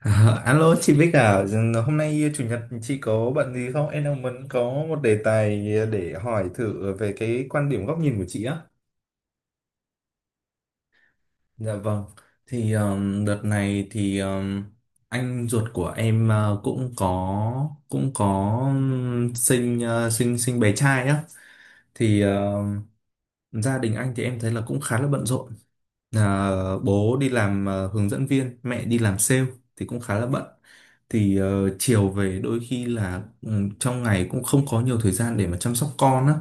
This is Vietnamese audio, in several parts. Alo chị Bích à, hôm nay chủ nhật chị có bận gì không? Em đang muốn có một đề tài để hỏi thử về cái quan điểm góc nhìn của chị á. Dạ vâng. Thì đợt này thì anh ruột của em cũng có sinh sinh sinh bé trai á. Thì gia đình anh thì em thấy là cũng khá là bận rộn. Bố đi làm hướng dẫn viên, mẹ đi làm sale thì cũng khá là bận. Thì chiều về đôi khi là trong ngày cũng không có nhiều thời gian để mà chăm sóc con á,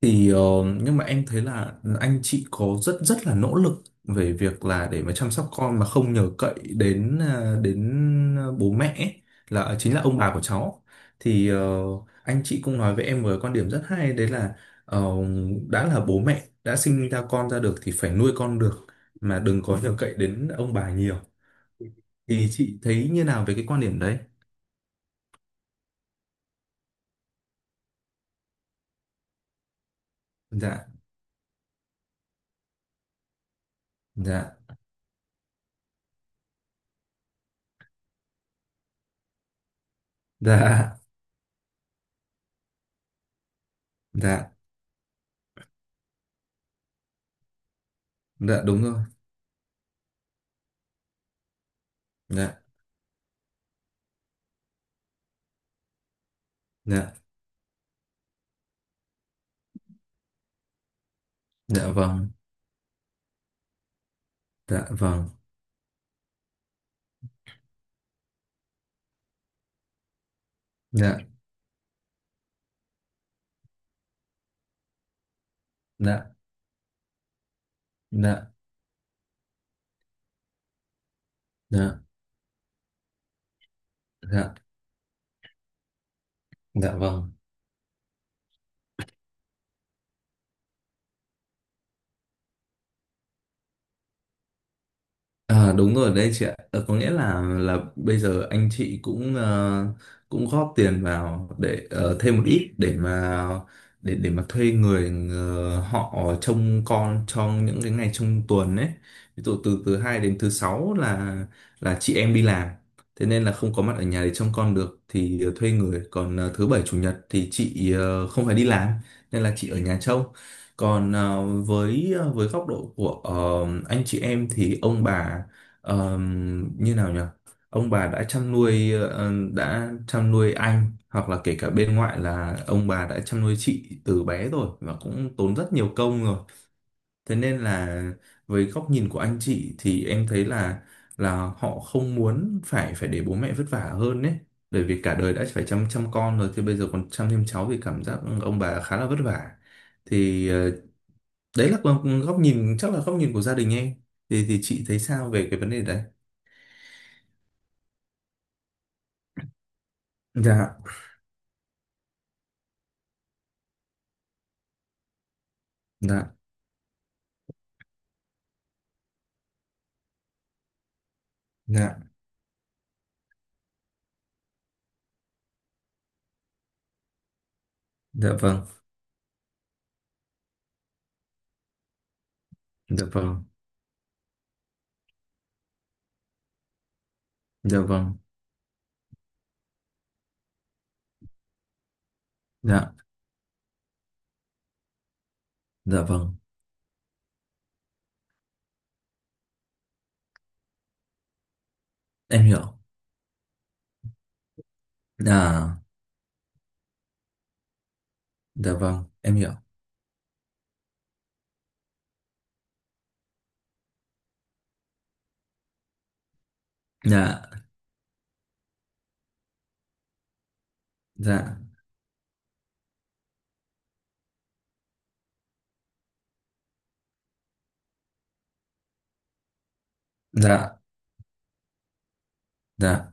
thì nhưng mà em thấy là anh chị có rất rất là nỗ lực về việc là để mà chăm sóc con mà không nhờ cậy đến à, đến ờ, bố mẹ ấy, là chính là ông bà của cháu. Thì anh chị cũng nói với em một cái quan điểm rất hay, đấy là ờ, đã là bố mẹ đã sinh ra con ra được thì phải nuôi con được, mà đừng có nhờ cậy đến ông bà nhiều. Thì chị thấy như nào về cái quan điểm đấy? Dạ, dạ, dạ, dạ, dạ, đúng rồi. Dạ, dạ, dạ vâng. Dạ vâng, dạ, dạ, dạ, dạ, dạ, dạ vâng. À, đúng rồi đấy chị ạ. Ờ, có nghĩa là bây giờ anh chị cũng cũng góp tiền vào để thêm một ít để mà thuê người họ trông con trong những cái ngày trong tuần ấy. Ví dụ từ thứ hai đến thứ sáu là chị em đi làm. Thế nên là không có mặt ở nhà để trông con được thì thuê người. Còn thứ bảy chủ nhật thì chị không phải đi làm nên là chị ở nhà trông. Còn với với góc độ của anh chị em thì ông bà ờ, như nào nhỉ? Ông bà đã chăm nuôi anh, hoặc là kể cả bên ngoại là ông bà đã chăm nuôi chị từ bé rồi, và cũng tốn rất nhiều công rồi. Thế nên là với góc nhìn của anh chị thì em thấy là họ không muốn phải phải để bố mẹ vất vả hơn đấy. Bởi vì cả đời đã phải chăm chăm con rồi thì bây giờ còn chăm thêm cháu thì cảm giác ông bà khá là vất vả, thì đấy là còn góc nhìn, chắc là góc nhìn của gia đình em. Thì chị thấy sao về cái vấn đề đấy? Dạ, dạ, dạ, dạ vâng. Dạ vâng. Dạ vâng. Dạ, dạ vâng, em hiểu. Dạ, dạ vâng, em hiểu. Dạ, dạ, dạ, dạ,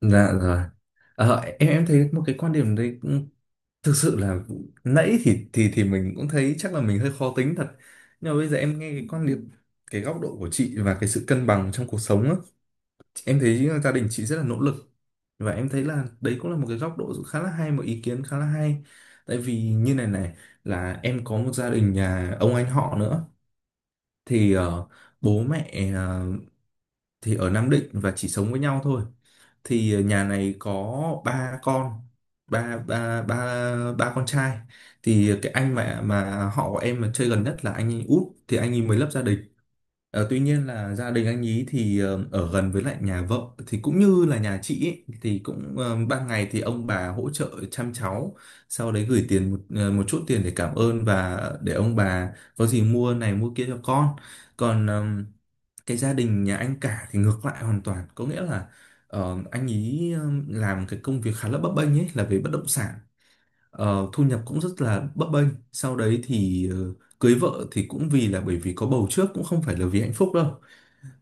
dạ rồi. Em thấy một cái quan điểm đấy cũng thực sự là, nãy thì mình cũng thấy chắc là mình hơi khó tính thật, nhưng mà bây giờ em nghe cái quan điểm, cái góc độ của chị và cái sự cân bằng trong cuộc sống á. Em thấy gia đình chị rất là nỗ lực, và em thấy là đấy cũng là một cái góc độ khá là hay, một ý kiến khá là hay, tại vì như này này, là em có một gia đình nhà ông anh họ nữa. Thì bố mẹ thì ở Nam Định và chỉ sống với nhau thôi. Thì nhà này có ba con ba ba ba ba con trai. Thì cái anh mà họ của em mà chơi gần nhất là anh ấy út, thì anh ấy mới lập gia đình. Tuy nhiên là gia đình anh ấy thì ở gần với lại nhà vợ, thì cũng như là nhà chị ấy, thì cũng ban ngày thì ông bà hỗ trợ chăm cháu, sau đấy gửi tiền một chút tiền để cảm ơn và để ông bà có gì mua này mua kia cho con. Còn cái gia đình nhà anh cả thì ngược lại hoàn toàn, có nghĩa là anh ý làm cái công việc khá là bấp bênh ấy, là về bất động sản. Thu nhập cũng rất là bấp bênh, sau đấy thì cưới vợ thì cũng vì là bởi vì có bầu trước, cũng không phải là vì hạnh phúc đâu.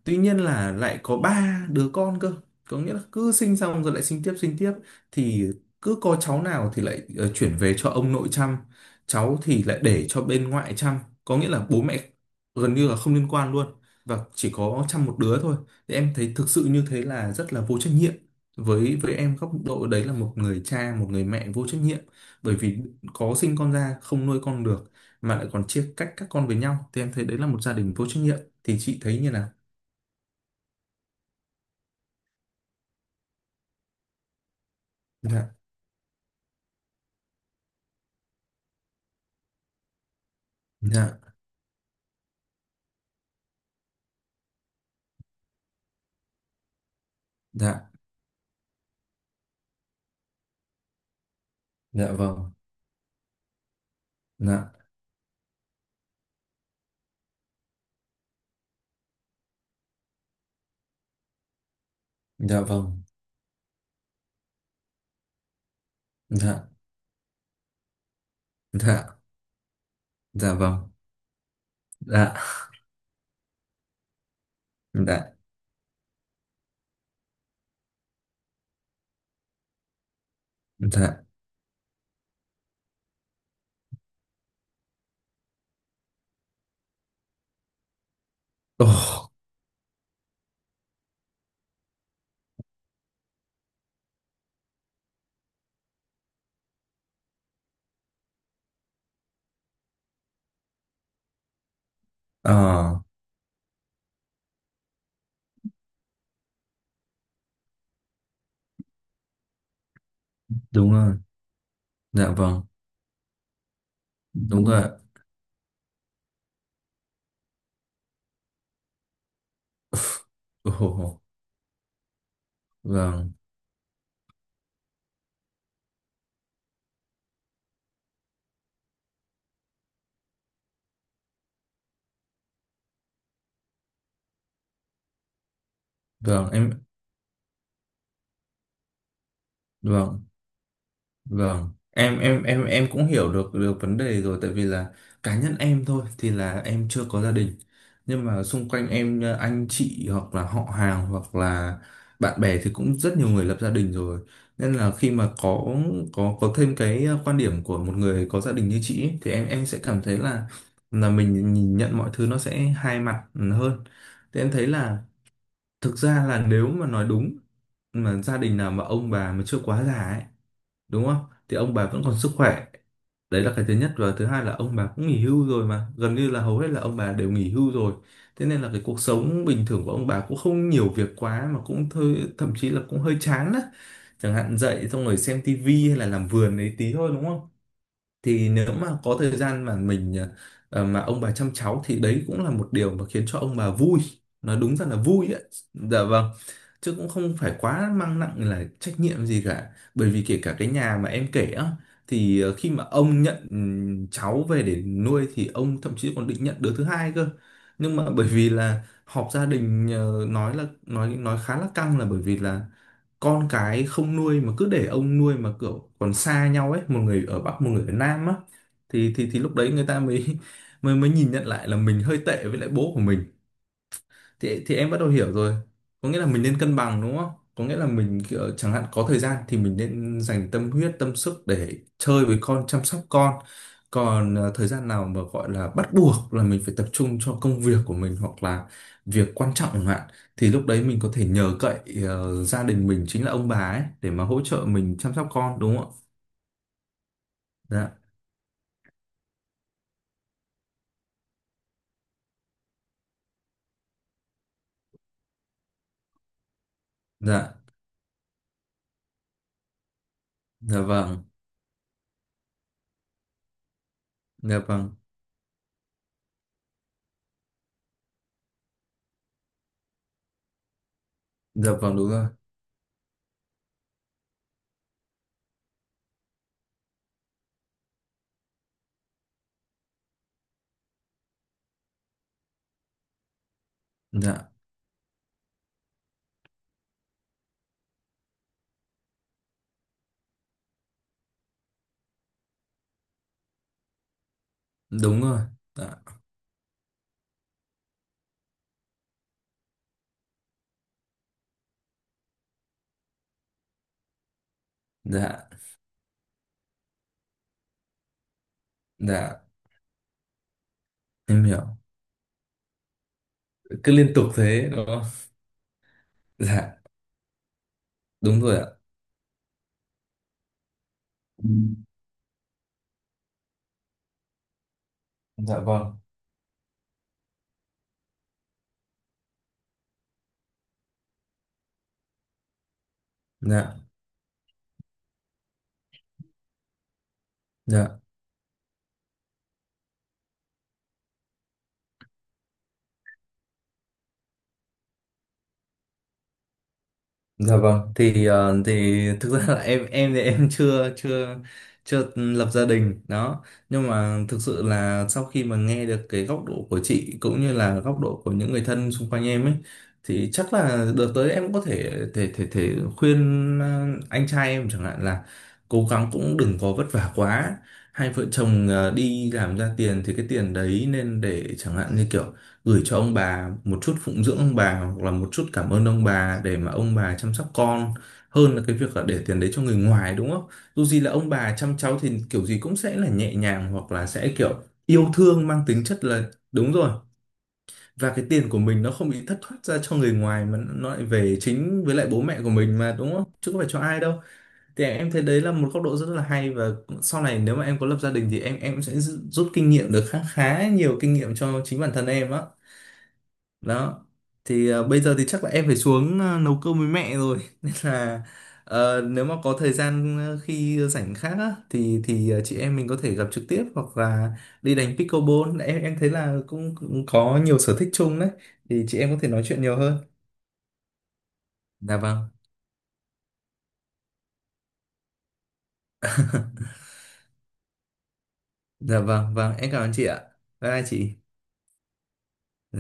Tuy nhiên là lại có ba đứa con cơ, có nghĩa là cứ sinh xong rồi lại sinh tiếp sinh tiếp. Thì cứ có cháu nào thì lại chuyển về cho ông nội chăm, cháu thì lại để cho bên ngoại chăm. Có nghĩa là bố mẹ gần như là không liên quan luôn, và chỉ có chăm một đứa thôi. Thì em thấy thực sự như thế là rất là vô trách nhiệm, với em góc độ đấy là một người cha, một người mẹ vô trách nhiệm. Bởi vì có sinh con ra không nuôi con được mà lại còn chia cách các con với nhau, thì em thấy đấy là một gia đình vô trách nhiệm. Thì chị thấy như nào? Dạ, dạ, dạ, dạ vâng. Dạ, dạ vâng. Dạ, dạ, dạ vâng. Dạ, dạ, dạ. Ồ. ờ Đúng rồi. Dạ vâng. Đúng rồi. Ồ. Vâng, vâng, em. Vâng. Vâng, em cũng hiểu được được vấn đề rồi, tại vì là cá nhân em thôi thì là em chưa có gia đình. Nhưng mà xung quanh em anh chị hoặc là họ hàng hoặc là bạn bè thì cũng rất nhiều người lập gia đình rồi. Nên là khi mà có thêm cái quan điểm của một người có gia đình như chị ấy, thì em sẽ cảm thấy là mình nhìn nhận mọi thứ nó sẽ hai mặt hơn. Thì em thấy là thực ra là nếu mà nói đúng, mà gia đình nào mà ông bà mà chưa quá già ấy, đúng không, thì ông bà vẫn còn sức khỏe, đấy là cái thứ nhất. Và thứ hai là ông bà cũng nghỉ hưu rồi, mà gần như là hầu hết là ông bà đều nghỉ hưu rồi, thế nên là cái cuộc sống bình thường của ông bà cũng không nhiều việc quá, mà cũng thôi, thậm chí là cũng hơi chán á. Chẳng hạn dậy xong rồi xem tivi hay là làm vườn ấy tí thôi, đúng không? Thì nếu mà có thời gian mà mình mà ông bà chăm cháu thì đấy cũng là một điều mà khiến cho ông bà vui, nó đúng ra là vui ấy. Dạ vâng. Chứ cũng không phải quá mang nặng là trách nhiệm gì cả, bởi vì kể cả cái nhà mà em kể á, thì khi mà ông nhận cháu về để nuôi thì ông thậm chí còn định nhận đứa thứ hai cơ. Nhưng mà bởi vì là họp gia đình, nói là nói khá là căng, là bởi vì là con cái không nuôi mà cứ để ông nuôi mà kiểu còn xa nhau ấy, một người ở Bắc một người ở Nam á. Thì thì lúc đấy người ta mới mới mới nhìn nhận lại là mình hơi tệ với lại bố của mình. Thì em bắt đầu hiểu rồi, có nghĩa là mình nên cân bằng, đúng không. Có nghĩa là mình kiểu, chẳng hạn có thời gian thì mình nên dành tâm huyết, tâm sức để chơi với con, chăm sóc con. Còn thời gian nào mà gọi là bắt buộc là mình phải tập trung cho công việc của mình, hoặc là việc quan trọng chẳng hạn, thì lúc đấy mình có thể nhờ cậy gia đình mình, chính là ông bà ấy, để mà hỗ trợ mình chăm sóc con, đúng không ạ? Dạ, dạ, dạ vâng. Dạ vâng. Dạ vâng. Đúng rồi. Dạ, đúng rồi. Dạ, dạ, dạ, em hiểu. Cứ liên tục thế đúng không? Dạ, đúng rồi ạ. Ừ. Dạ vâng. Dạ, dạ. Dạ vâng, thì thực ra là em thì em chưa chưa chưa lập gia đình đó, nhưng mà thực sự là sau khi mà nghe được cái góc độ của chị cũng như là góc độ của những người thân xung quanh em ấy, thì chắc là đợt tới em có thể thể thể thể khuyên anh trai em chẳng hạn là cố gắng cũng đừng có vất vả quá. Hai vợ chồng đi làm ra tiền thì cái tiền đấy nên để chẳng hạn như kiểu gửi cho ông bà một chút phụng dưỡng ông bà, hoặc là một chút cảm ơn ông bà để mà ông bà chăm sóc con, hơn là cái việc là để tiền đấy cho người ngoài, đúng không? Dù gì là ông bà chăm cháu thì kiểu gì cũng sẽ là nhẹ nhàng, hoặc là sẽ kiểu yêu thương, mang tính chất là, đúng rồi, và cái tiền của mình nó không bị thất thoát ra cho người ngoài mà nó lại về chính với lại bố mẹ của mình mà, đúng không? Chứ không phải cho ai đâu. Thì em thấy đấy là một góc độ rất là hay, và sau này nếu mà em có lập gia đình thì em sẽ rút kinh nghiệm được khá khá nhiều kinh nghiệm cho chính bản thân em á, đó. Thì bây giờ thì chắc là em phải xuống nấu cơm với mẹ rồi nên là nếu mà có thời gian khi rảnh khác á, thì chị em mình có thể gặp trực tiếp hoặc là đi đánh pickleball, em thấy là cũng có nhiều sở thích chung đấy, thì chị em có thể nói chuyện nhiều hơn. Dạ vâng. Dạ vâng, vâng, em cảm ơn chị ạ. Bye bye chị.